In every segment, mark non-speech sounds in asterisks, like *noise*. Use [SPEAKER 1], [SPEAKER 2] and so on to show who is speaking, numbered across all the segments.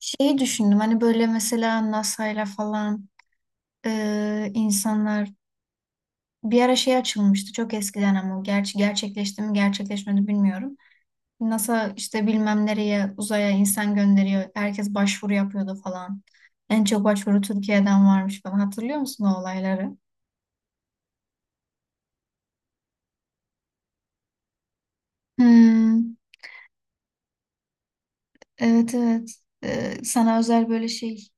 [SPEAKER 1] Şeyi düşündüm hani böyle mesela NASA'yla falan insanlar bir ara şey açılmıştı çok eskiden ama o gerçi gerçekleşti mi gerçekleşmedi bilmiyorum. NASA işte bilmem nereye uzaya insan gönderiyor. Herkes başvuru yapıyordu falan. En çok başvuru Türkiye'den varmış falan. Hatırlıyor musun o olayları? Hmm, evet evet. Sana özel böyle şey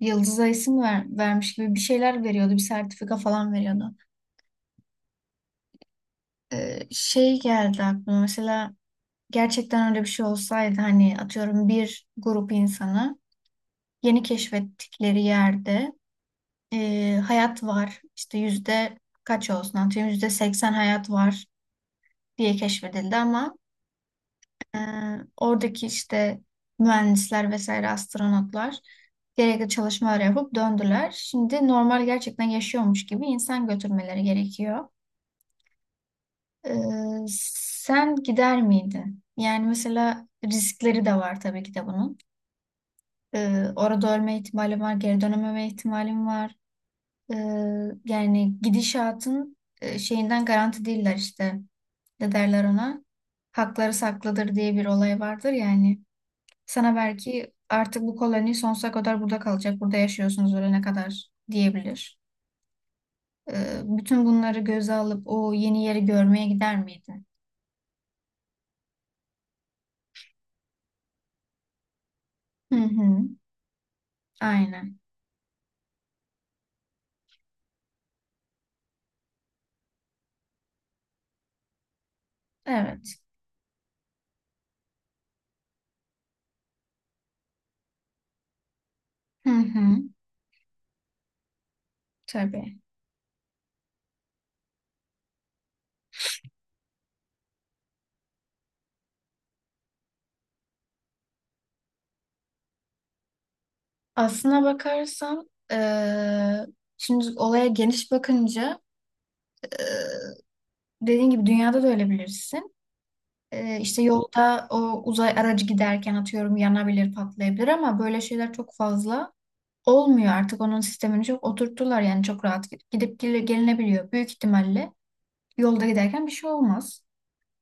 [SPEAKER 1] yıldıza isim ver, vermiş gibi bir şeyler veriyordu. Bir sertifika falan veriyordu. Şey geldi aklıma mesela gerçekten öyle bir şey olsaydı hani atıyorum bir grup insanı yeni keşfettikleri yerde hayat var işte yüzde kaç olsun atıyorum %80 hayat var diye keşfedildi ama e, oradaki işte mühendisler vesaire astronotlar gerekli çalışmalar yapıp döndüler. Şimdi normal gerçekten yaşıyormuş gibi insan götürmeleri gerekiyor. E, Sen gider miydin? Yani mesela riskleri de var tabii ki de bunun. Orada ölme ihtimalim var, geri dönememe ihtimalim var. Ee, Yani gidişatın şeyinden garanti değiller işte. Ne derler ona? Hakları saklıdır diye bir olay vardır yani. Sana belki artık bu koloni sonsuza kadar burada kalacak, burada yaşıyorsunuz ölene kadar diyebilir. Bütün bunları göze alıp o yeni yeri görmeye gider miydin? Hı hı, aynen. Evet. Hı hı, tabii. Aslına bakarsan şimdi olaya geniş bakınca eee dediğin gibi dünyada da öyle bilirsin. İşte yolda o uzay aracı giderken atıyorum yanabilir, patlayabilir ama böyle şeyler çok fazla olmuyor. Artık onun sistemini çok oturttular yani çok rahat gidip gidip gelinebiliyor. Büyük ihtimalle yolda giderken bir şey olmaz.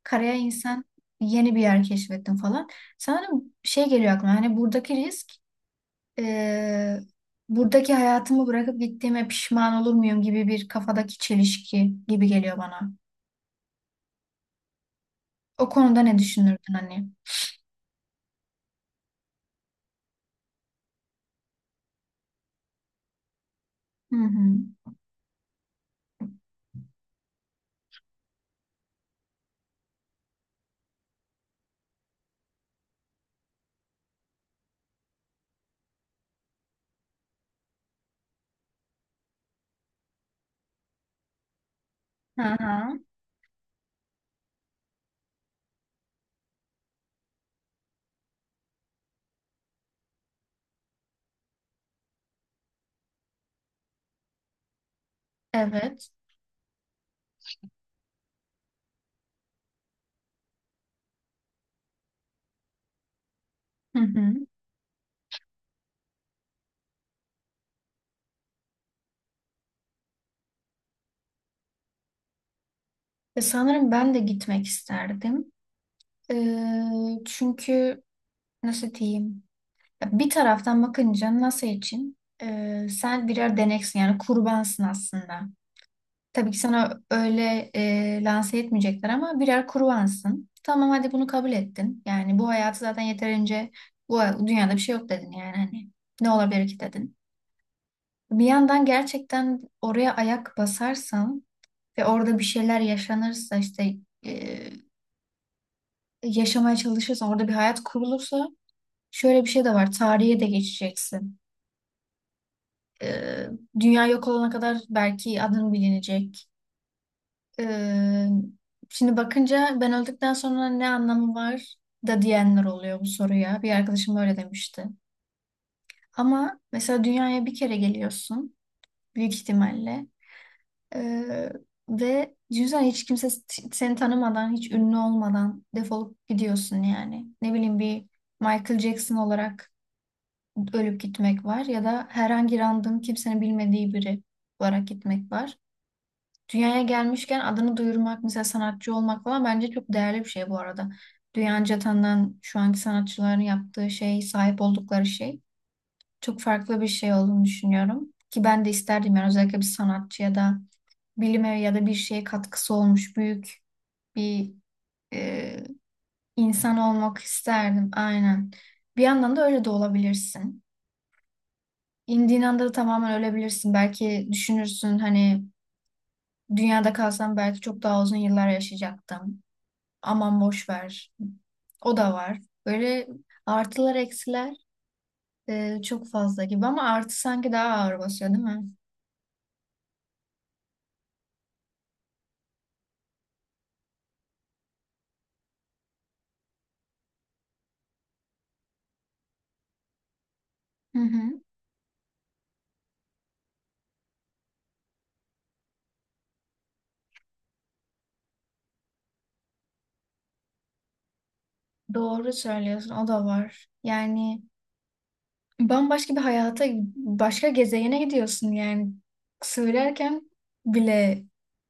[SPEAKER 1] Karaya insan yeni bir yer keşfettin falan. Sanırım şey geliyor aklıma hani buradaki risk, e, buradaki hayatımı bırakıp gittiğime pişman olur muyum gibi bir kafadaki çelişki gibi geliyor bana. O konuda ne düşünürdün hani? Hı hı. Hı hı. Evet. Hı hı. Sanırım ben de gitmek isterdim. E, Çünkü nasıl diyeyim? Ya, bir taraftan bakınca NASA için sen birer deneksin yani kurbansın aslında. Tabii ki sana öyle lanse etmeyecekler ama birer kruvansın. Tamam hadi bunu kabul ettin. Yani bu hayatı zaten yeterince dünyada bir şey yok dedin yani hani ne olabilir ki dedin. Bir yandan gerçekten oraya ayak basarsan ve orada bir şeyler yaşanırsa işte, e, yaşamaya çalışırsan orada bir hayat kurulursa şöyle bir şey de var, tarihe de geçeceksin. E, Dünya yok olana kadar belki adın bilinecek. Ee, Şimdi bakınca ben öldükten sonra ne anlamı var da diyenler oluyor bu soruya. Bir arkadaşım öyle demişti. Ama mesela dünyaya bir kere geliyorsun büyük ihtimalle. Ee, Ve düşünsene hiç kimse seni tanımadan, hiç ünlü olmadan defolup gidiyorsun yani. Ne bileyim bir Michael Jackson olarak ölüp gitmek var ya da herhangi random kimsenin bilmediği biri olarak gitmek var. Dünyaya gelmişken adını duyurmak, mesela sanatçı olmak falan bence çok değerli bir şey bu arada. Dünyaca tanınan şu anki sanatçıların yaptığı şey, sahip oldukları şey çok farklı bir şey olduğunu düşünüyorum. Ki ben de isterdim yani özellikle bir sanatçıya da bilime ya da bir şeye katkısı olmuş büyük bir e, insan olmak isterdim. Aynen. Bir yandan da öyle de olabilirsin. İndiğin anda da tamamen ölebilirsin. Belki düşünürsün hani dünyada kalsam belki çok daha uzun yıllar yaşayacaktım. Aman boş ver. O da var. Böyle artılar eksiler çok fazla gibi ama artı sanki daha ağır basıyor değil mi? Hı hı. Doğru söylüyorsun o da var. Yani bambaşka bir hayata, başka gezegene gidiyorsun yani. Söylerken bile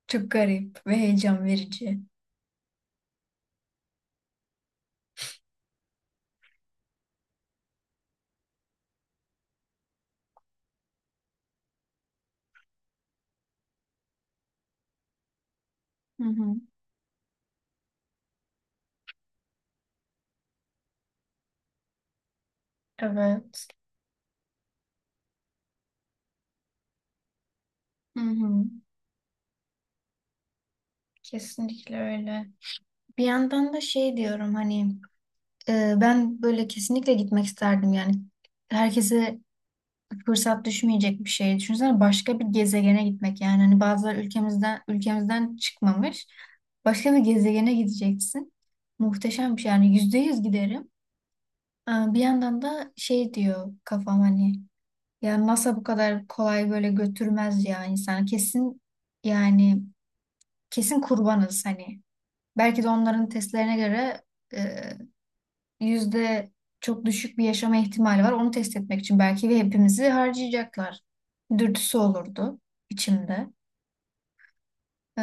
[SPEAKER 1] çok garip ve heyecan verici. Hı hı. Evet. Hı hı. Kesinlikle öyle. Bir yandan da şey diyorum hani, ben böyle kesinlikle gitmek isterdim yani. Herkese fırsat düşmeyecek bir şey. Düşünsene başka bir gezegene gitmek, yani hani bazıları ülkemizden çıkmamış. Başka bir gezegene gideceksin. Muhteşem bir şey yani, %100 giderim. Aa, bir yandan da şey diyor kafam hani ya NASA bu kadar kolay böyle götürmez ya insan, kesin yani, kesin kurbanız hani. Belki de onların testlerine göre yüzde çok düşük bir yaşama ihtimali var. Onu test etmek için belki ve hepimizi harcayacaklar. Dürtüsü olurdu içimde. Ee,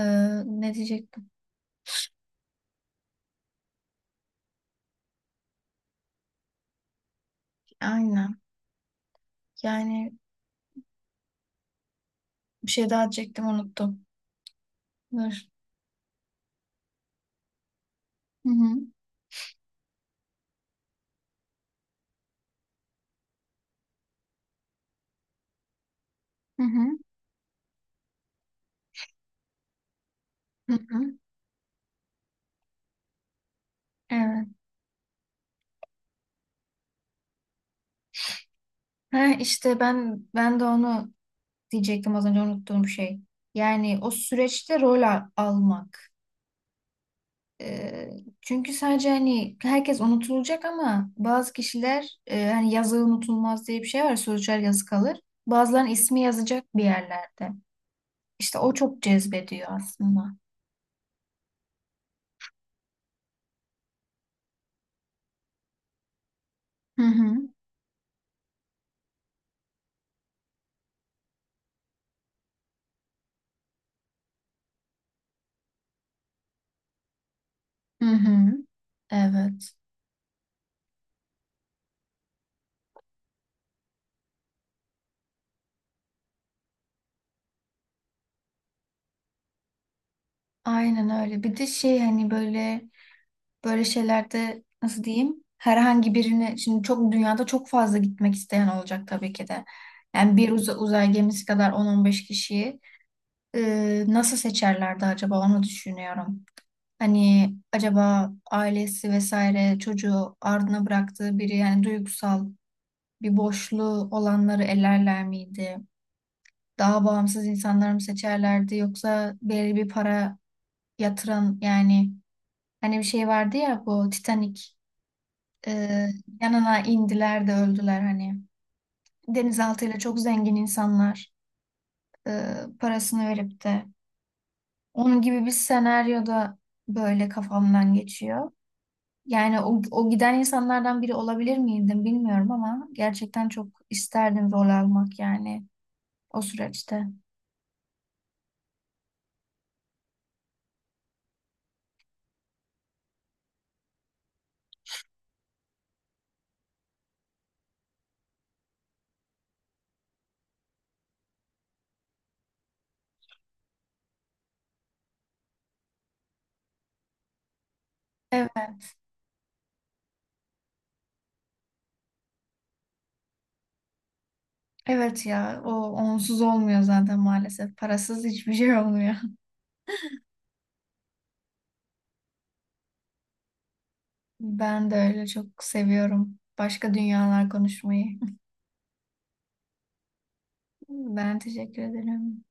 [SPEAKER 1] Ne diyecektim? Aynen. Yani bir şey daha diyecektim, unuttum. Dur. Hı hı. Hı hı. Hı hı. Evet. Ha, işte ben de onu diyecektim, az önce unuttuğum şey. Yani o süreçte almak. Ee, Çünkü sadece hani herkes unutulacak ama bazı kişiler, hani yazı unutulmaz diye bir şey var. Sözcüler yazı kalır. Bazılarının ismi yazacak bir yerlerde. İşte o çok cezbediyor aslında. Hı hı. Hı hı. Evet. Aynen öyle. Bir de şey hani böyle şeylerde nasıl diyeyim? Herhangi birini şimdi çok dünyada çok fazla gitmek isteyen olacak tabii ki de. Yani bir uzay gemisi kadar 10-15 kişiyi nasıl seçerlerdi acaba onu düşünüyorum. Hani acaba ailesi vesaire çocuğu ardına bıraktığı biri, yani duygusal bir boşluğu olanları elerler miydi? Daha bağımsız insanları mı seçerlerdi yoksa belli bir para yatıran yani, hani bir şey vardı ya bu Titanic, e, yanına indiler de öldüler hani, denizaltıyla çok zengin insanlar, e, parasını verip de onun gibi bir senaryoda, böyle kafamdan geçiyor. Yani o giden insanlardan biri olabilir miydim bilmiyorum ama gerçekten çok isterdim rol almak yani o süreçte. Evet. Evet ya, o onsuz olmuyor zaten maalesef. Parasız hiçbir şey olmuyor. *laughs* Ben de öyle çok seviyorum. Başka dünyalar konuşmayı. *laughs* Ben teşekkür ederim.